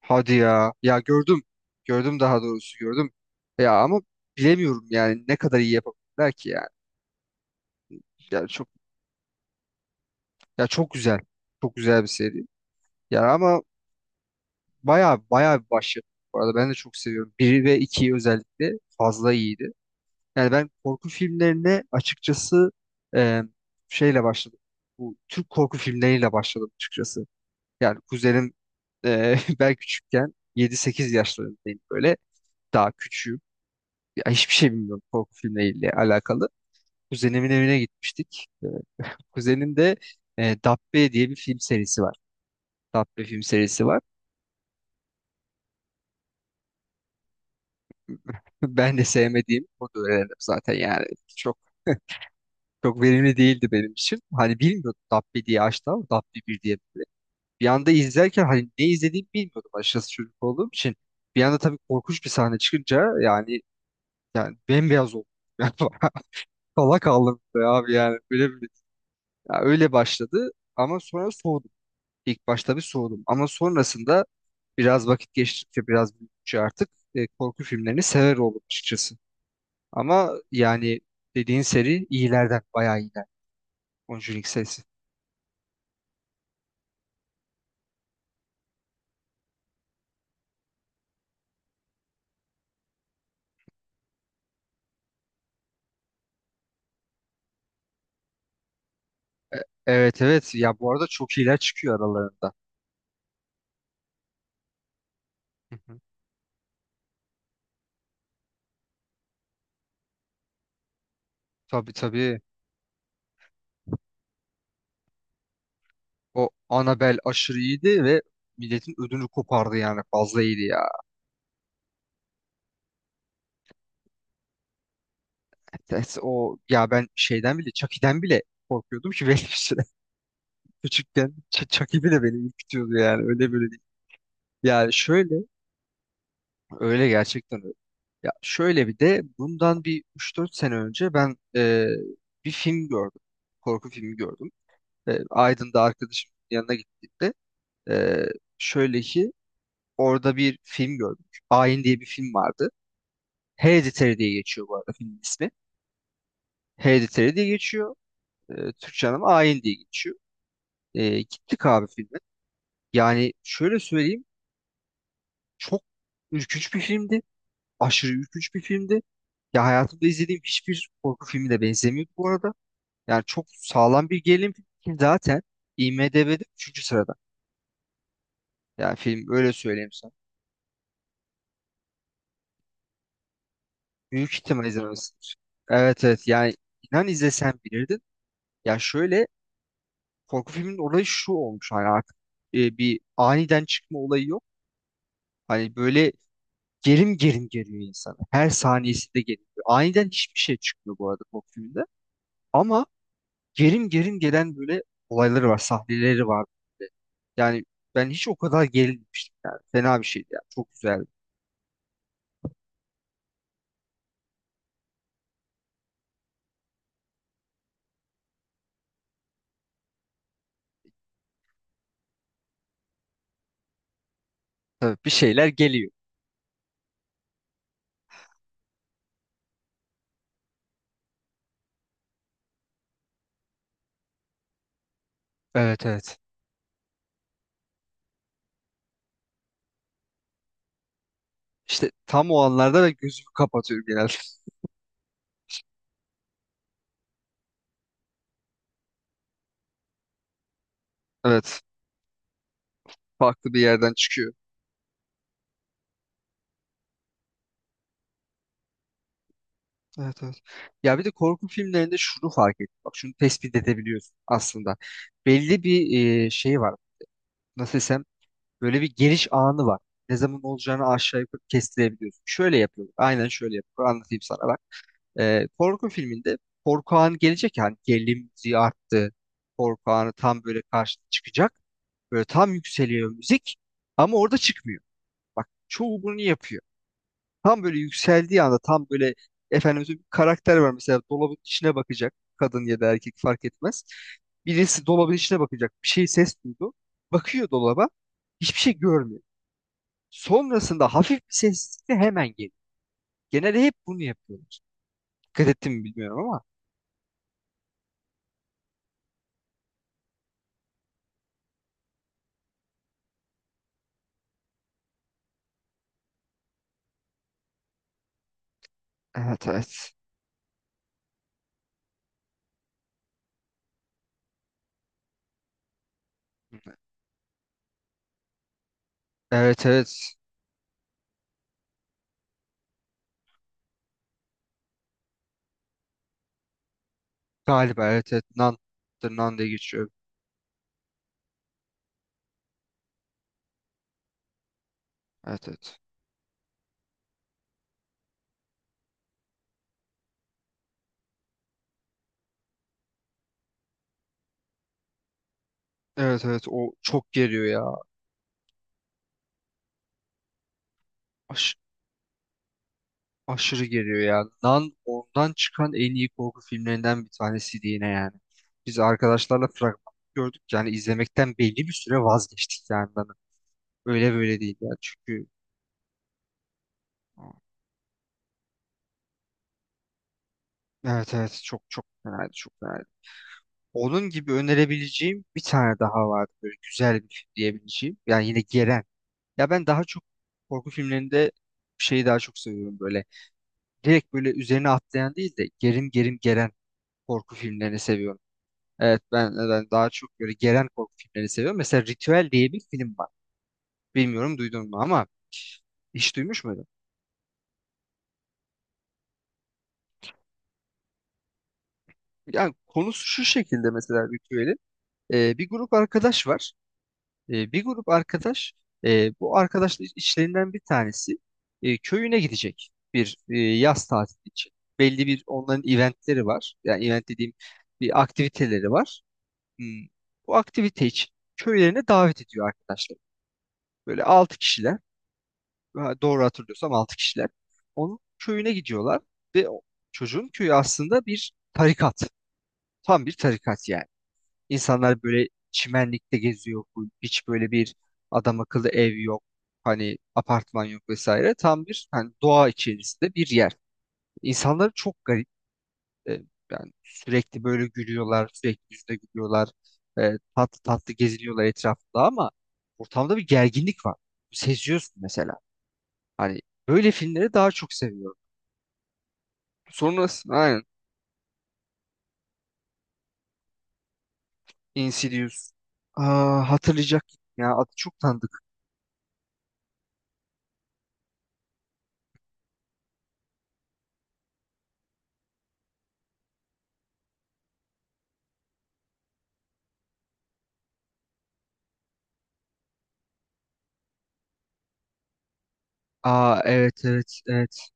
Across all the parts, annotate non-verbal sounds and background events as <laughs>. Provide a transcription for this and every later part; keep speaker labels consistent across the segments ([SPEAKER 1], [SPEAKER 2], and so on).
[SPEAKER 1] Hadi ya. Ya gördüm. Gördüm, daha doğrusu gördüm. Ya ama bilemiyorum yani ne kadar iyi yapabilirler ki yani. Ya çok Ya çok güzel. Çok güzel bir seri. Ya ama baya baya bir başyapıt. Bu arada ben de çok seviyorum. 1 ve 2'yi özellikle fazla iyiydi. Yani ben korku filmlerine açıkçası e, şeyle başladım. Bu Türk korku filmleriyle başladım açıkçası. Yani kuzenim, <laughs> ben küçükken yedi sekiz yaşlarındayım böyle. Daha küçüğüm. Ya hiçbir şey bilmiyorum korku filmleriyle alakalı. Kuzenimin evine gitmiştik. Kuzenin de Dabbe diye bir film serisi var. Dabbe film serisi var. <laughs> Ben de sevmediğim, o da öğrendim zaten yani. Çok çok verimli değildi benim için. Hani bilmiyordum, Dabbe diye açtı ama Dabbe bir diye. Bir anda izlerken hani ne izlediğimi bilmiyordum açıkçası, çocuk olduğum için. Bir anda tabii korkunç bir sahne çıkınca yani bembeyaz oldum. <laughs> Yani kala kaldım be abi, yani böyle bir, ya öyle başladı ama sonra soğudum. İlk başta bir soğudum ama sonrasında biraz vakit geçtikçe, biraz büyüdükçe artık korku filmlerini sever oldum açıkçası. Ama yani dediğin seri iyilerden, bayağı iyiler. Conjuring serisi. Evet evet, ya bu arada çok iyiler çıkıyor aralarında. Hı hı. Tabii tabii, o Annabelle aşırı iyiydi ve milletin ödünü kopardı, yani fazla iyiydi ya. Evet, o ya ben şeyden bile, Chucky'den bile korkuyordum ki benim için <laughs> küçükken Chucky bile beni ürkütüyordu, yani öyle böyle değil. Yani şöyle. Öyle gerçekten öyle. Ya şöyle, bir de bundan bir üç dört sene önce ben bir film gördüm. Korku filmi gördüm. Aydın'da arkadaşımın yanına gittiğimde e, şöyle ki, orada bir film gördüm. Ayin diye bir film vardı. Hereditary diye geçiyor bu arada filmin ismi. Hereditary diye geçiyor. Türkçe anlamı Ayin diye geçiyor. Gittik abi filme. Yani şöyle söyleyeyim, çok ürkünç bir filmdi. Aşırı ürkünç bir filmdi. Ya hayatımda izlediğim hiçbir korku filmi de benzemiyor bu arada. Yani çok sağlam bir gerilim filmi ki zaten IMDb'de üçüncü sırada. Yani film, öyle söyleyeyim sana. Büyük ihtimal izlemesindir. Evet evet, yani inan, izlesen bilirdin. Ya şöyle, korku filminin olayı şu olmuş, hani artık bir aniden çıkma olayı yok. Hani böyle gerim gerim geliyor insana. Her saniyesinde geliyor. Aniden hiçbir şey çıkmıyor bu arada korku filminde. Ama gerim gerim gelen böyle olayları var, sahneleri var. Yani ben hiç o kadar gerilmemiştim yani. Fena bir şeydi yani. Çok güzeldi. Tabii, bir şeyler geliyor. Evet evet. İşte tam o anlarda da gözümü kapatıyorum genelde. <laughs> Evet. Farklı bir yerden çıkıyor. Evet evet. Ya bir de korku filmlerinde şunu fark ettim. Bak, şunu tespit edebiliyorsun aslında. Belli bir şey var. Nasıl desem, böyle bir geliş anı var. Ne zaman olacağını aşağı yukarı kestirebiliyorsun. Şöyle yapıyorlar. Aynen şöyle yapıyorlar. Anlatayım sana. Korku filminde korku anı gelecek, yani gerilim müziği arttı. Korku anı tam böyle karşına çıkacak. Böyle tam yükseliyor müzik ama orada çıkmıyor. Bak, çoğu bunu yapıyor. Tam böyle yükseldiği anda, tam böyle, efendim, bir karakter var mesela, dolabın içine bakacak. Kadın ya da erkek fark etmez. Birisi dolabın içine bakacak. Bir şey, ses duydu. Bakıyor dolaba. Hiçbir şey görmüyor. Sonrasında hafif bir sessizlikle hemen geliyor. Genelde hep bunu yapıyorlar. Dikkat ettim mi bilmiyorum ama. Evet evet. Evet evet. Galiba evet evet. Nan. The Nun diye geçiyor. Evet evet. Evet evet, o çok geriyor ya. Aş- aşırı geriyor ya. Nan, ondan çıkan en iyi korku filmlerinden bir tanesiydi yine yani. Biz arkadaşlarla fragman gördük, yani izlemekten belli bir süre vazgeçtik yani Nan'ı. Öyle böyle değil ya, çünkü evet evet çok çok fenaydı, çok fenaydı. Onun gibi önerebileceğim bir tane daha vardı, böyle güzel bir film diyebileceğim. Yani yine geren Ya ben daha çok korku filmlerinde şeyi daha çok seviyorum böyle. Direkt böyle üzerine atlayan değil de gerim gerim geren korku filmlerini seviyorum. Evet ben daha çok böyle geren korku filmlerini seviyorum. Mesela Ritüel diye bir film var. Bilmiyorum duydun mu ama, hiç duymuş muydun? Yani konusu şu şekilde mesela Ritüel'in. Bir grup arkadaş var. E, bir grup arkadaş, e, bu arkadaşlar içlerinden bir tanesi köyüne gidecek bir yaz tatili için. Belli bir, onların eventleri var. Yani event dediğim, bir aktiviteleri var. Hmm. Bu aktivite için köylerine davet ediyor arkadaşlar. Böyle 6 kişiler, ha, doğru hatırlıyorsam 6 kişiler. Onun köyüne gidiyorlar ve o çocuğun köyü aslında bir tarikat. Tam bir tarikat yani. İnsanlar böyle çimenlikte geziyor. Full. Hiç böyle bir adam akıllı ev yok. Hani apartman yok vesaire. Tam bir hani doğa içerisinde bir yer. İnsanlar çok garip. E, yani sürekli böyle gülüyorlar. Sürekli yüzde gülüyorlar. Tatlı tatlı geziniyorlar etrafında ama ortamda bir gerginlik var. Seziyorsun mesela. Hani böyle filmleri daha çok seviyorum. Sonrasında aynen Insidious. Aa, hatırlayacak ya, adı çok tanıdık. Aa, evet evet evet.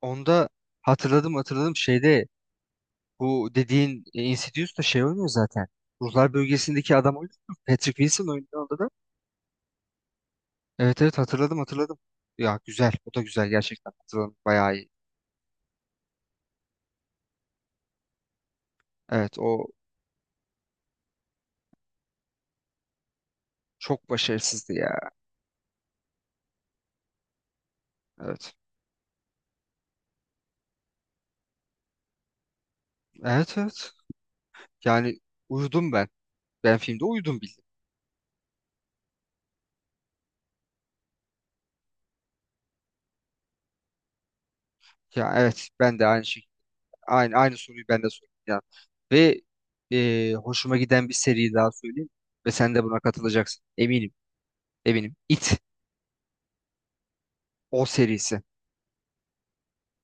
[SPEAKER 1] Onda hatırladım, hatırladım, şeyde, bu dediğin Insidious da şey oynuyor zaten. Ruhlar bölgesindeki adam oynuyor. Patrick Wilson oynuyor onda da. Evet evet, hatırladım hatırladım. Ya güzel. O da güzel gerçekten. Hatırladım. Bayağı iyi. Evet, o çok başarısızdı ya. Evet. Evet evet. Yani uyudum ben. Ben filmde uyudum bildim. Ya evet, ben de aynı şey. Aynı soruyu ben de sordum ya. Ve hoşuma giden bir seri daha söyleyeyim. Ve sen de buna katılacaksın. Eminim. Eminim. It. O serisi.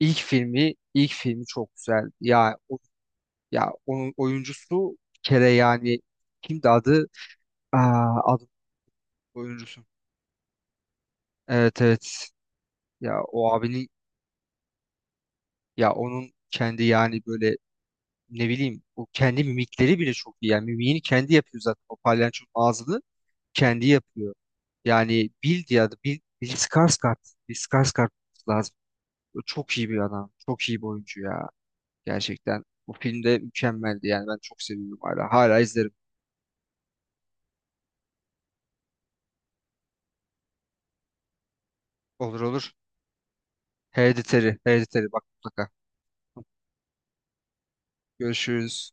[SPEAKER 1] İlk filmi çok güzel. Ya onun oyuncusu bir kere yani, kimdi adı? Aa, adı oyuncusu. Evet evet. Ya o abinin ya onun kendi yani böyle, ne bileyim, o kendi mimikleri bile çok iyi. Yani mimiğini kendi yapıyor zaten. O palyaçonun ağzını kendi yapıyor. Yani Bill diye adı. Bill Skarsgård. Bill Skarsgård lazım. O çok iyi bir adam. Çok iyi bir oyuncu ya. Gerçekten bu filmde mükemmeldi. Yani ben çok seviyorum hala. Hala izlerim. Olur olur. Hereditary. Hereditary bak mutlaka. Görüşürüz.